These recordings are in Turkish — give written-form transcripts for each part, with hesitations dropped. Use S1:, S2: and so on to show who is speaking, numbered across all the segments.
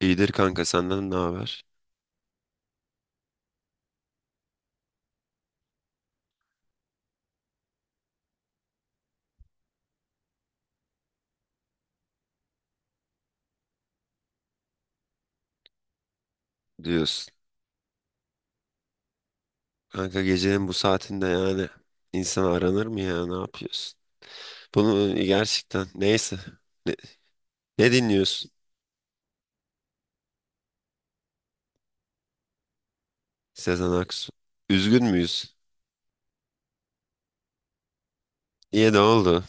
S1: İyidir kanka, senden ne haber diyorsun. Kanka, gecenin bu saatinde yani insan aranır mı ya, ne yapıyorsun? Bunu gerçekten, neyse. Ne, ne dinliyorsun? Sezen Aksu? Üzgün müyüz? Niye, ne oldu?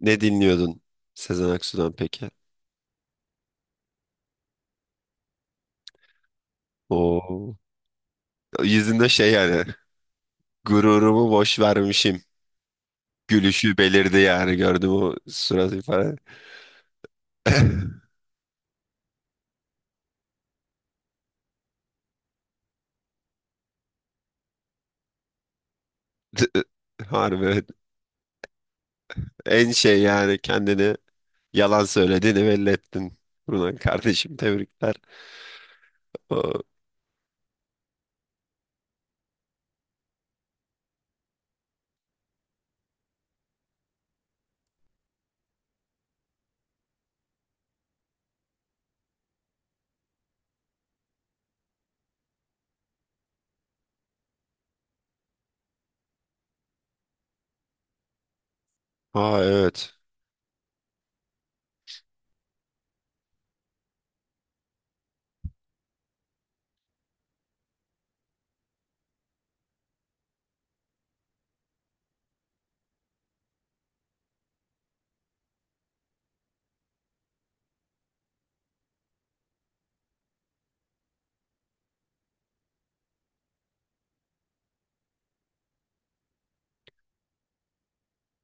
S1: Ne dinliyordun Sezen Aksu'dan peki? Oo. Yüzünde şey yani gururumu boş vermişim. Gülüşü belirdi yani, gördüm o surat ifade. Harbi, evet. En şey yani kendini, yalan söylediğini belli ettin. Buradan kardeşim, tebrikler. Aa. Aa, evet.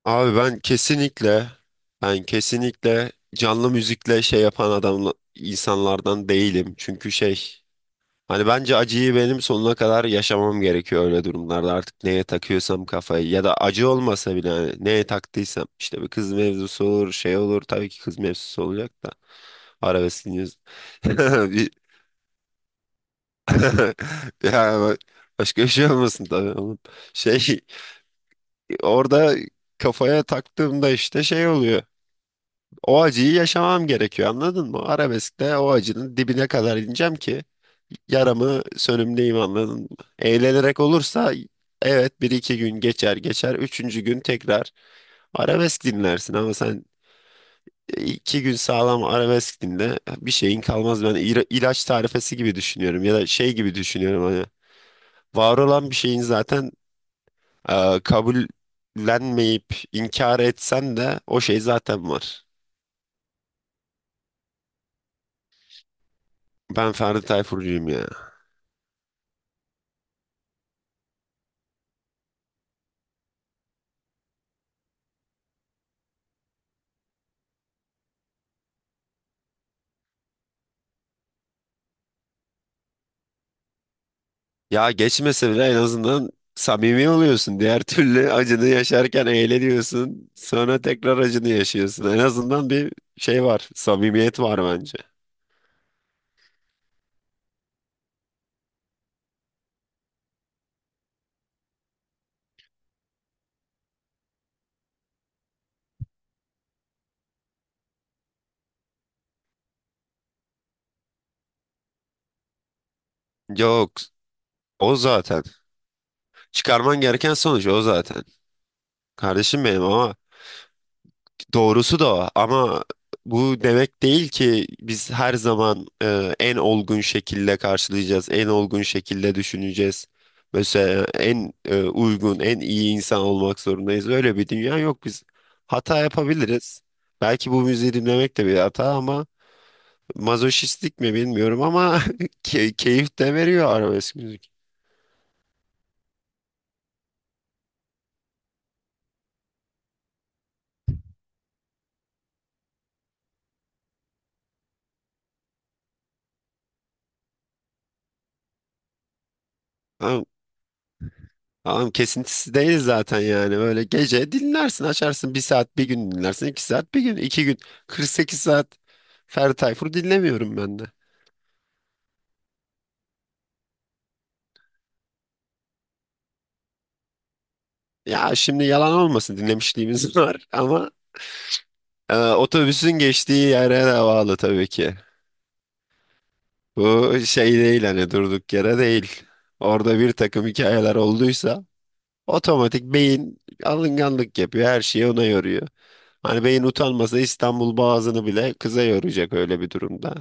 S1: Abi ben kesinlikle, ben kesinlikle canlı müzikle şey yapan adam, insanlardan değilim. Çünkü şey, hani bence acıyı benim sonuna kadar yaşamam gerekiyor öyle durumlarda. Artık neye takıyorsam kafayı, ya da acı olmasa bile hani neye taktıysam, işte bir kız mevzusu olur, şey olur, tabii ki kız mevzusu olacak da arabeskiniz. Yani başka bir şey olmasın tabii oğlum. Şey, orada kafaya taktığımda işte şey oluyor. O acıyı yaşamam gerekiyor, anladın mı? Arabeskte o acının dibine kadar ineceğim ki yaramı sönümleyeyim, anladın mı? Eğlenerek olursa evet, bir iki gün geçer geçer. Üçüncü gün tekrar arabesk dinlersin, ama sen iki gün sağlam arabesk dinle, bir şeyin kalmaz. Ben ilaç tarifesi gibi düşünüyorum, ya da şey gibi düşünüyorum hani. Var olan bir şeyin zaten, kabullenmeyip inkar etsen de o şey zaten var. Ben Ferdi Tayfurcuyum ya. Ya geçmese bile en azından samimi oluyorsun. Diğer türlü acını yaşarken eğleniyorsun. Sonra tekrar acını yaşıyorsun. En azından bir şey var. Samimiyet var bence. Yok. O zaten. Çıkarman gereken sonuç o zaten, kardeşim benim. Ama doğrusu da o. Ama bu demek değil ki biz her zaman en olgun şekilde karşılayacağız, en olgun şekilde düşüneceğiz. Mesela en uygun, en iyi insan olmak zorundayız. Öyle bir dünya yok. Biz hata yapabiliriz. Belki bu müziği dinlemek de bir hata, ama mazoşistlik mi bilmiyorum, ama keyif de veriyor arabesk müzik. Tamam, kesintisi değil zaten yani. Böyle gece dinlersin, açarsın, bir saat bir gün dinlersin, iki saat bir gün, iki gün, 48 saat Ferdi Tayfur dinlemiyorum ben de. Ya şimdi yalan olmasın, dinlemişliğimiz var, ama otobüsün geçtiği yere de bağlı tabii ki. Bu şey değil, hani durduk yere değil. Orada bir takım hikayeler olduysa otomatik beyin alınganlık yapıyor, her şeyi ona yoruyor. Hani beyin utanmasa İstanbul Boğazı'nı bile kıza yoracak öyle bir durumda.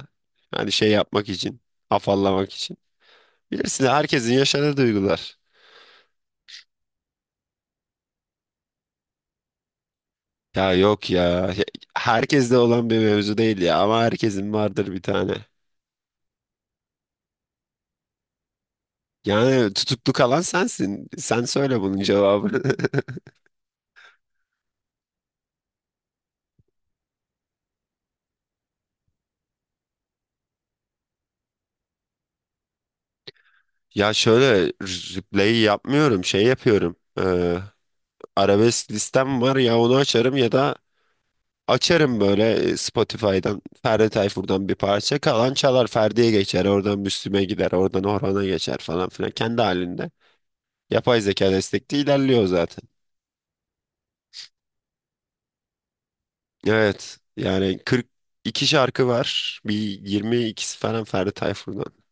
S1: Hani şey yapmak için, afallamak için. Bilirsin, herkesin yaşadığı duygular. Ya yok ya. Herkeste olan bir mevzu değil ya, ama herkesin vardır bir tane. Yani tutuklu kalan sensin. Sen söyle bunun cevabını. Ya şöyle, replay yapmıyorum, şey yapıyorum. Arabesk listem var ya, onu açarım, ya da açarım böyle Spotify'dan Ferdi Tayfur'dan bir parça. Kalan çalar, Ferdi'ye geçer. Oradan Müslüm'e gider. Oradan Orhan'a geçer falan filan. Kendi halinde. Yapay zeka destekli ilerliyor zaten. Evet. Yani 42 şarkı var. Bir 22'si falan Ferdi Tayfur'dan.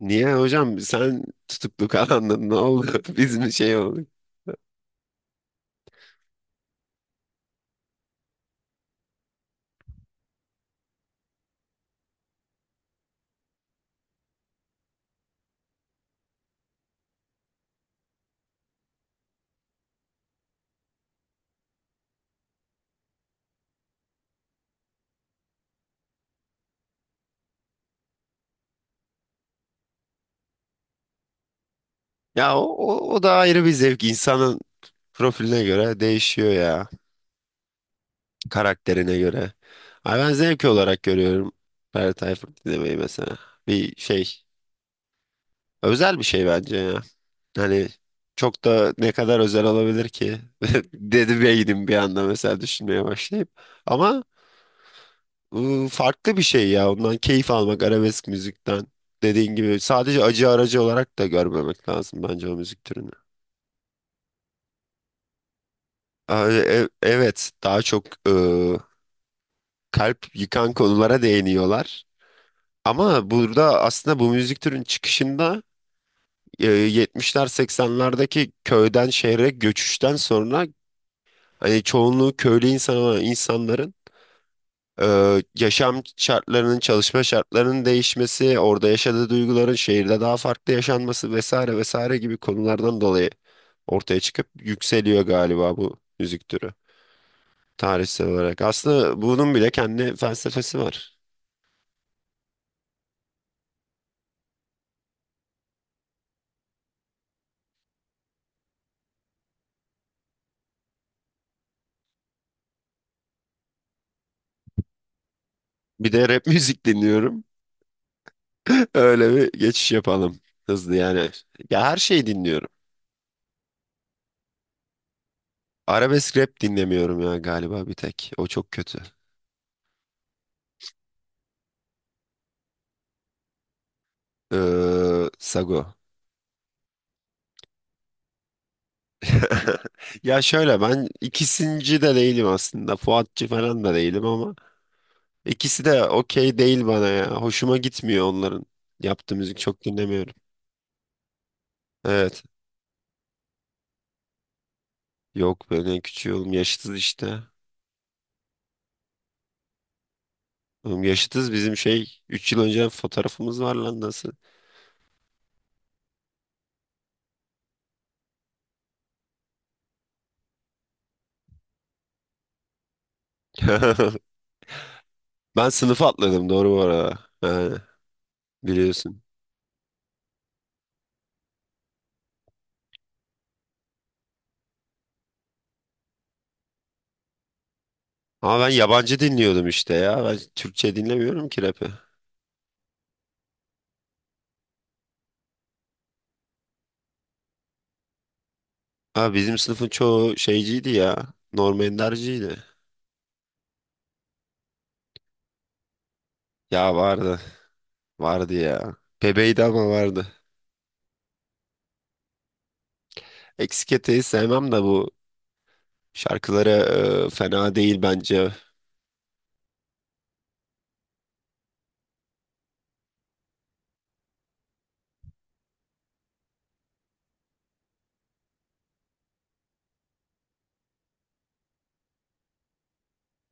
S1: Niye hocam, sen tutuklu kalandın, ne oldu? Biz mi şey olduk? Ya o da ayrı bir zevk. İnsanın profiline göre değişiyor ya, karakterine göre. Ay ben zevk olarak görüyorum Ferdi Tayfur dinlemeyi mesela. Bir şey, özel bir şey bence ya. Hani çok da ne kadar özel olabilir ki? Dedi beynim bir anda mesela, düşünmeye başlayıp. Ama farklı bir şey ya. Ondan keyif almak, arabesk müzikten. Dediğin gibi, sadece acı aracı olarak da görmemek lazım bence o müzik türünü. Ay, evet, daha çok kalp yıkan konulara değiniyorlar. Ama burada aslında bu müzik türünün çıkışında, e, 70'ler 80'lerdeki köyden şehre göçüşten sonra, hani çoğunluğu köylü insan olan insanların, e, yaşam şartlarının, çalışma şartlarının değişmesi, orada yaşadığı duyguların şehirde daha farklı yaşanması vesaire vesaire gibi konulardan dolayı ortaya çıkıp yükseliyor galiba bu müzik türü tarihsel olarak. Aslında bunun bile kendi felsefesi var. Bir de rap müzik dinliyorum. Öyle bir geçiş yapalım. Hızlı yani. Ya her şeyi dinliyorum. Arabesk rap dinlemiyorum ya, galiba bir tek. O çok kötü. Sago. Ya şöyle, ben ikisinci de değilim aslında. Fuatçı falan da değilim, ama ikisi de okey değil bana ya. Hoşuma gitmiyor onların yaptığı müzik, çok dinlemiyorum. Evet. Yok, ben en küçüğü oğlum, yaşıtız işte. Oğlum yaşıtız, bizim şey 3 yıl önce fotoğrafımız var lan, nasıl? Ben sınıf atladım doğru, bu arada. Biliyorsun. Ama ben yabancı dinliyordum işte ya. Ben Türkçe dinlemiyorum ki rap'i. Ha, bizim sınıfın çoğu şeyciydi ya, Norm Ender'ciydi. Ya vardı. Vardı ya. Bebeydi ama vardı. Eksik eteği sevmem, de bu şarkıları fena değil bence.